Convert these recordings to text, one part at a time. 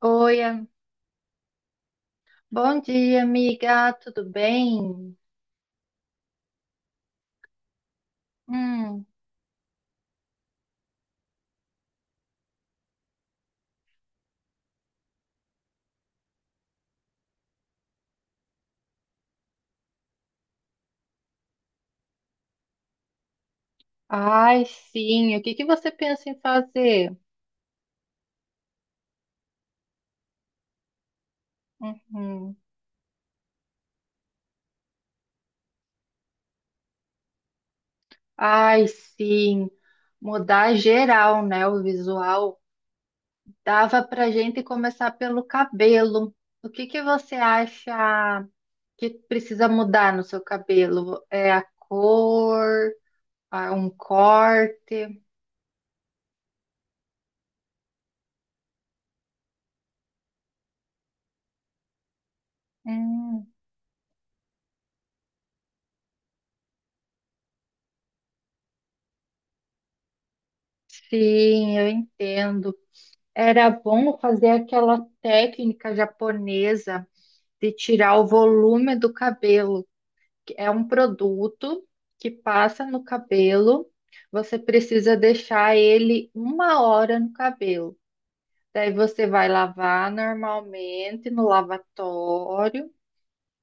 Oi, bom dia, amiga. Tudo bem? Hum. Ai, sim. O que que você pensa em fazer? Uhum. Ai, sim. Mudar geral, né? O visual. Dava pra gente começar pelo cabelo. O que que você acha que precisa mudar no seu cabelo? É a cor, ah, um corte? Hum. Sim, eu entendo. Era bom fazer aquela técnica japonesa de tirar o volume do cabelo. Que É um produto que passa no cabelo, você precisa deixar ele uma hora no cabelo. Daí você vai lavar normalmente no lavatório.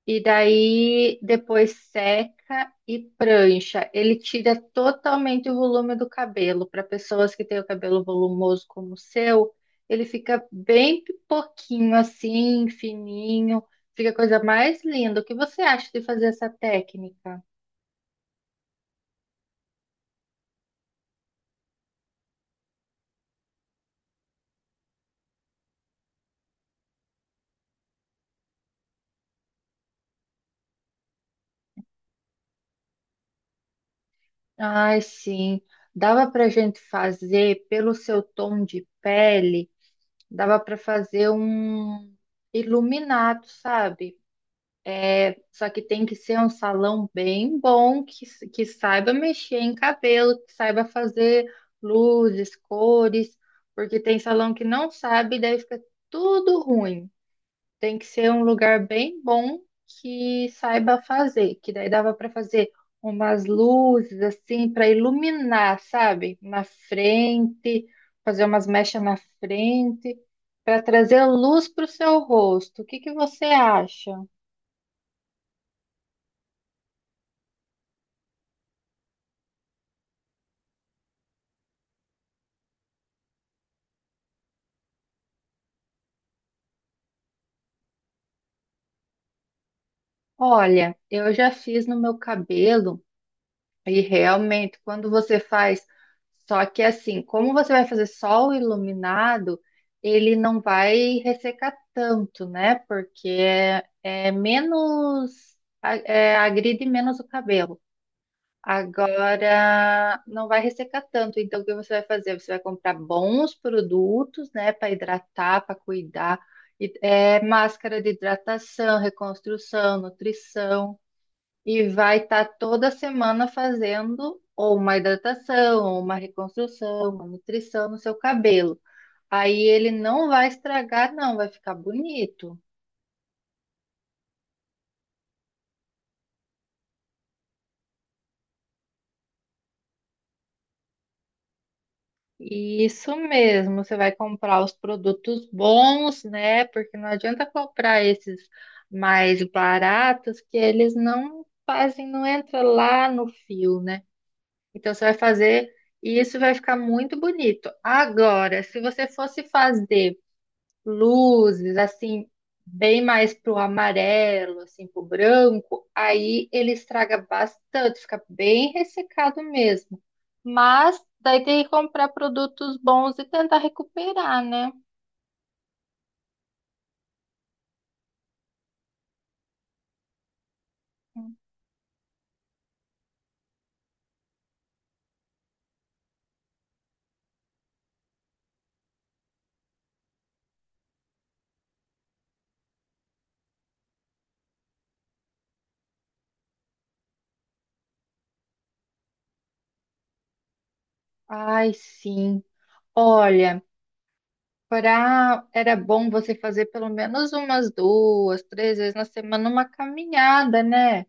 E daí depois seca e prancha. Ele tira totalmente o volume do cabelo. Para pessoas que têm o cabelo volumoso como o seu, ele fica bem pouquinho assim, fininho. Fica a coisa mais linda. O que você acha de fazer essa técnica? Ai, sim. Dava para gente fazer pelo seu tom de pele, dava para fazer um iluminado, sabe? Só que tem que ser um salão bem bom, que saiba mexer em cabelo, que saiba fazer luzes, cores, porque tem salão que não sabe, daí fica tudo ruim. Tem que ser um lugar bem bom que saiba fazer, que daí dava para fazer umas luzes assim para iluminar, sabe? Na frente, fazer umas mechas na frente, para trazer luz para o seu rosto. O que que você acha? Olha, eu já fiz no meu cabelo e realmente quando você faz, só que assim, como você vai fazer sol iluminado, ele não vai ressecar tanto, né? Porque é menos, agride menos o cabelo. Agora não vai ressecar tanto, então o que você vai fazer? Você vai comprar bons produtos, né, para hidratar, para cuidar, máscara de hidratação, reconstrução, nutrição. E vai estar toda semana fazendo ou uma hidratação, ou uma reconstrução, uma nutrição no seu cabelo. Aí ele não vai estragar, não, vai ficar bonito. Isso mesmo, você vai comprar os produtos bons, né? Porque não adianta comprar esses mais baratos que eles não fazem, não entra lá no fio, né? Então você vai fazer e isso vai ficar muito bonito. Agora, se você fosse fazer luzes, assim, bem mais pro amarelo, assim, pro branco, aí ele estraga bastante, fica bem ressecado mesmo. Mas daí tem que comprar produtos bons e tentar recuperar, né? Ai, sim. Olha, pra... era bom você fazer pelo menos umas duas, três vezes na semana uma caminhada, né?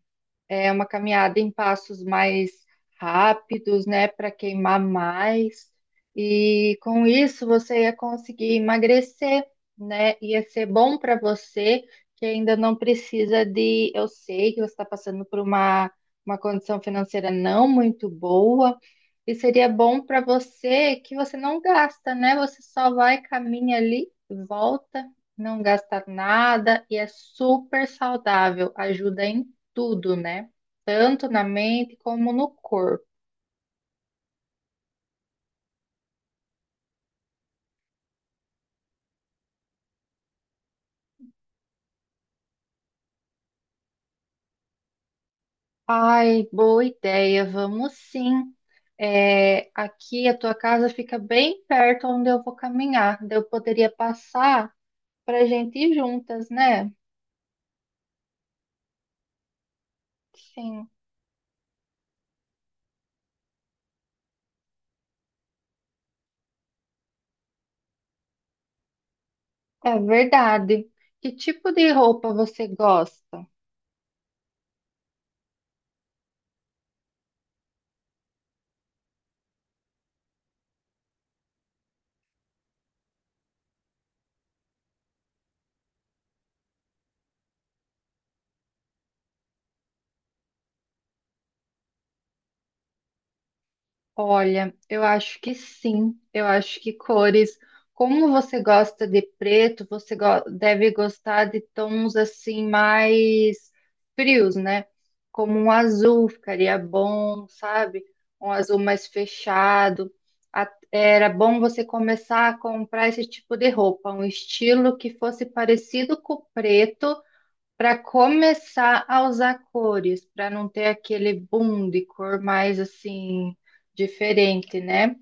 É uma caminhada em passos mais rápidos, né, para queimar mais. E com isso você ia conseguir emagrecer, né? Ia ser bom para você que ainda não precisa de. Eu sei que você está passando uma condição financeira não muito boa, e seria bom para você que você não gasta, né? Você só vai, caminha ali, volta, não gasta nada e é super saudável, ajuda em tudo, né? Tanto na mente como no corpo. Ai, boa ideia, vamos sim. É, aqui a tua casa fica bem perto onde eu vou caminhar. Daí eu poderia passar para a gente ir juntas, né? Sim, é verdade. Que tipo de roupa você gosta? Olha, eu acho que sim. Eu acho que cores, como você gosta de preto, deve gostar de tons assim mais frios, né? Como um azul ficaria bom, sabe? Um azul mais fechado. Era bom você começar a comprar esse tipo de roupa, um estilo que fosse parecido com o preto. Para começar a usar cores, para não ter aquele boom de cor mais assim diferente, né?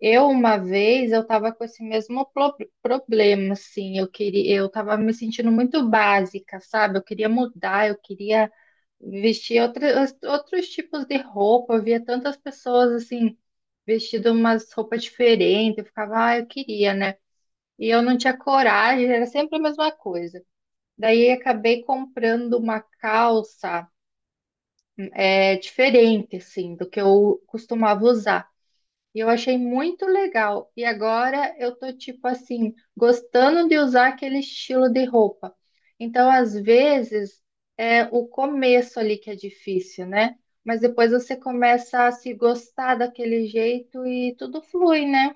Eu uma vez eu tava com esse problema, assim, eu queria, eu tava me sentindo muito básica, sabe? Eu queria mudar, eu queria vestir outros tipos de roupa. Eu via tantas pessoas assim vestindo umas roupas diferentes, eu ficava, ah, eu queria, né? E eu não tinha coragem, era sempre a mesma coisa. Daí acabei comprando uma calça diferente, assim, do que eu costumava usar. E eu achei muito legal. E agora eu tô, tipo assim, gostando de usar aquele estilo de roupa. Então, às vezes, é o começo ali que é difícil, né? Mas depois você começa a se gostar daquele jeito e tudo flui, né?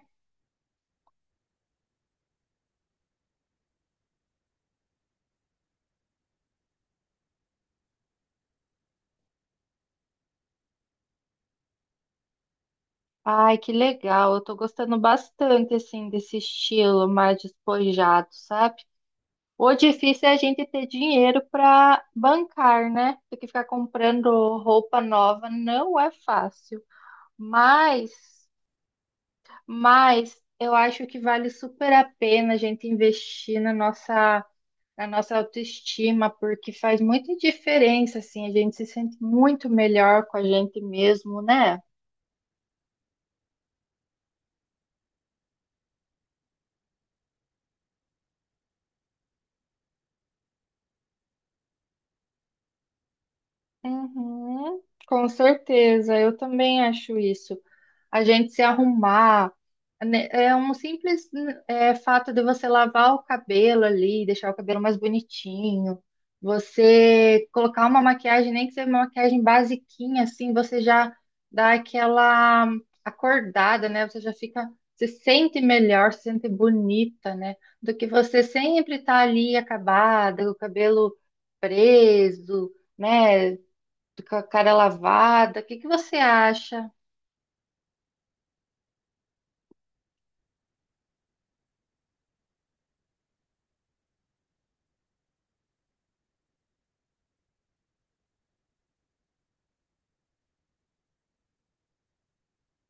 Ai, que legal. Eu tô gostando bastante, assim, desse estilo mais despojado, sabe? O difícil é a gente ter dinheiro para bancar, né? Porque ficar comprando roupa nova não é fácil. Mas, mas eu acho que vale super a pena a gente investir na nossa autoestima, porque faz muita diferença, assim, a gente se sente muito melhor com a gente mesmo, né? Uhum, com certeza, eu também acho isso. A gente se arrumar. Né, É um simples fato de você lavar o cabelo ali, deixar o cabelo mais bonitinho, você colocar uma maquiagem, nem que seja uma maquiagem basiquinha, assim, você já dá aquela acordada, né? Você já fica, se sente melhor, se sente bonita, né? Do que você sempre estar ali acabada, com o cabelo preso, né? Com a cara lavada. O que que você acha?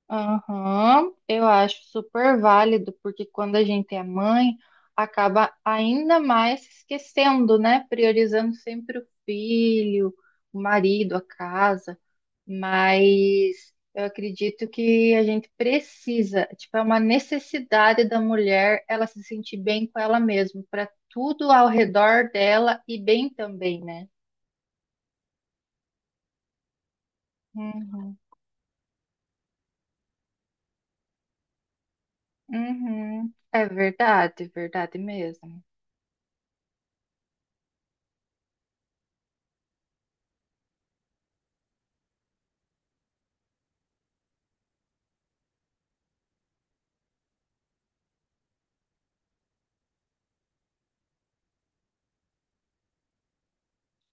Aham, eu acho super válido, porque quando a gente é mãe, acaba ainda mais se esquecendo, né? Priorizando sempre o filho, o marido, a casa. Mas eu acredito que a gente precisa, tipo, é uma necessidade da mulher ela se sentir bem com ela mesma, para tudo ao redor dela e bem também, né? Uhum, uhum. É verdade, verdade mesmo.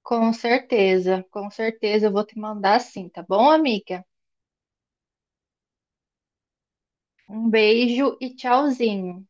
Com certeza eu vou te mandar sim, tá bom, amiga? Um beijo e tchauzinho.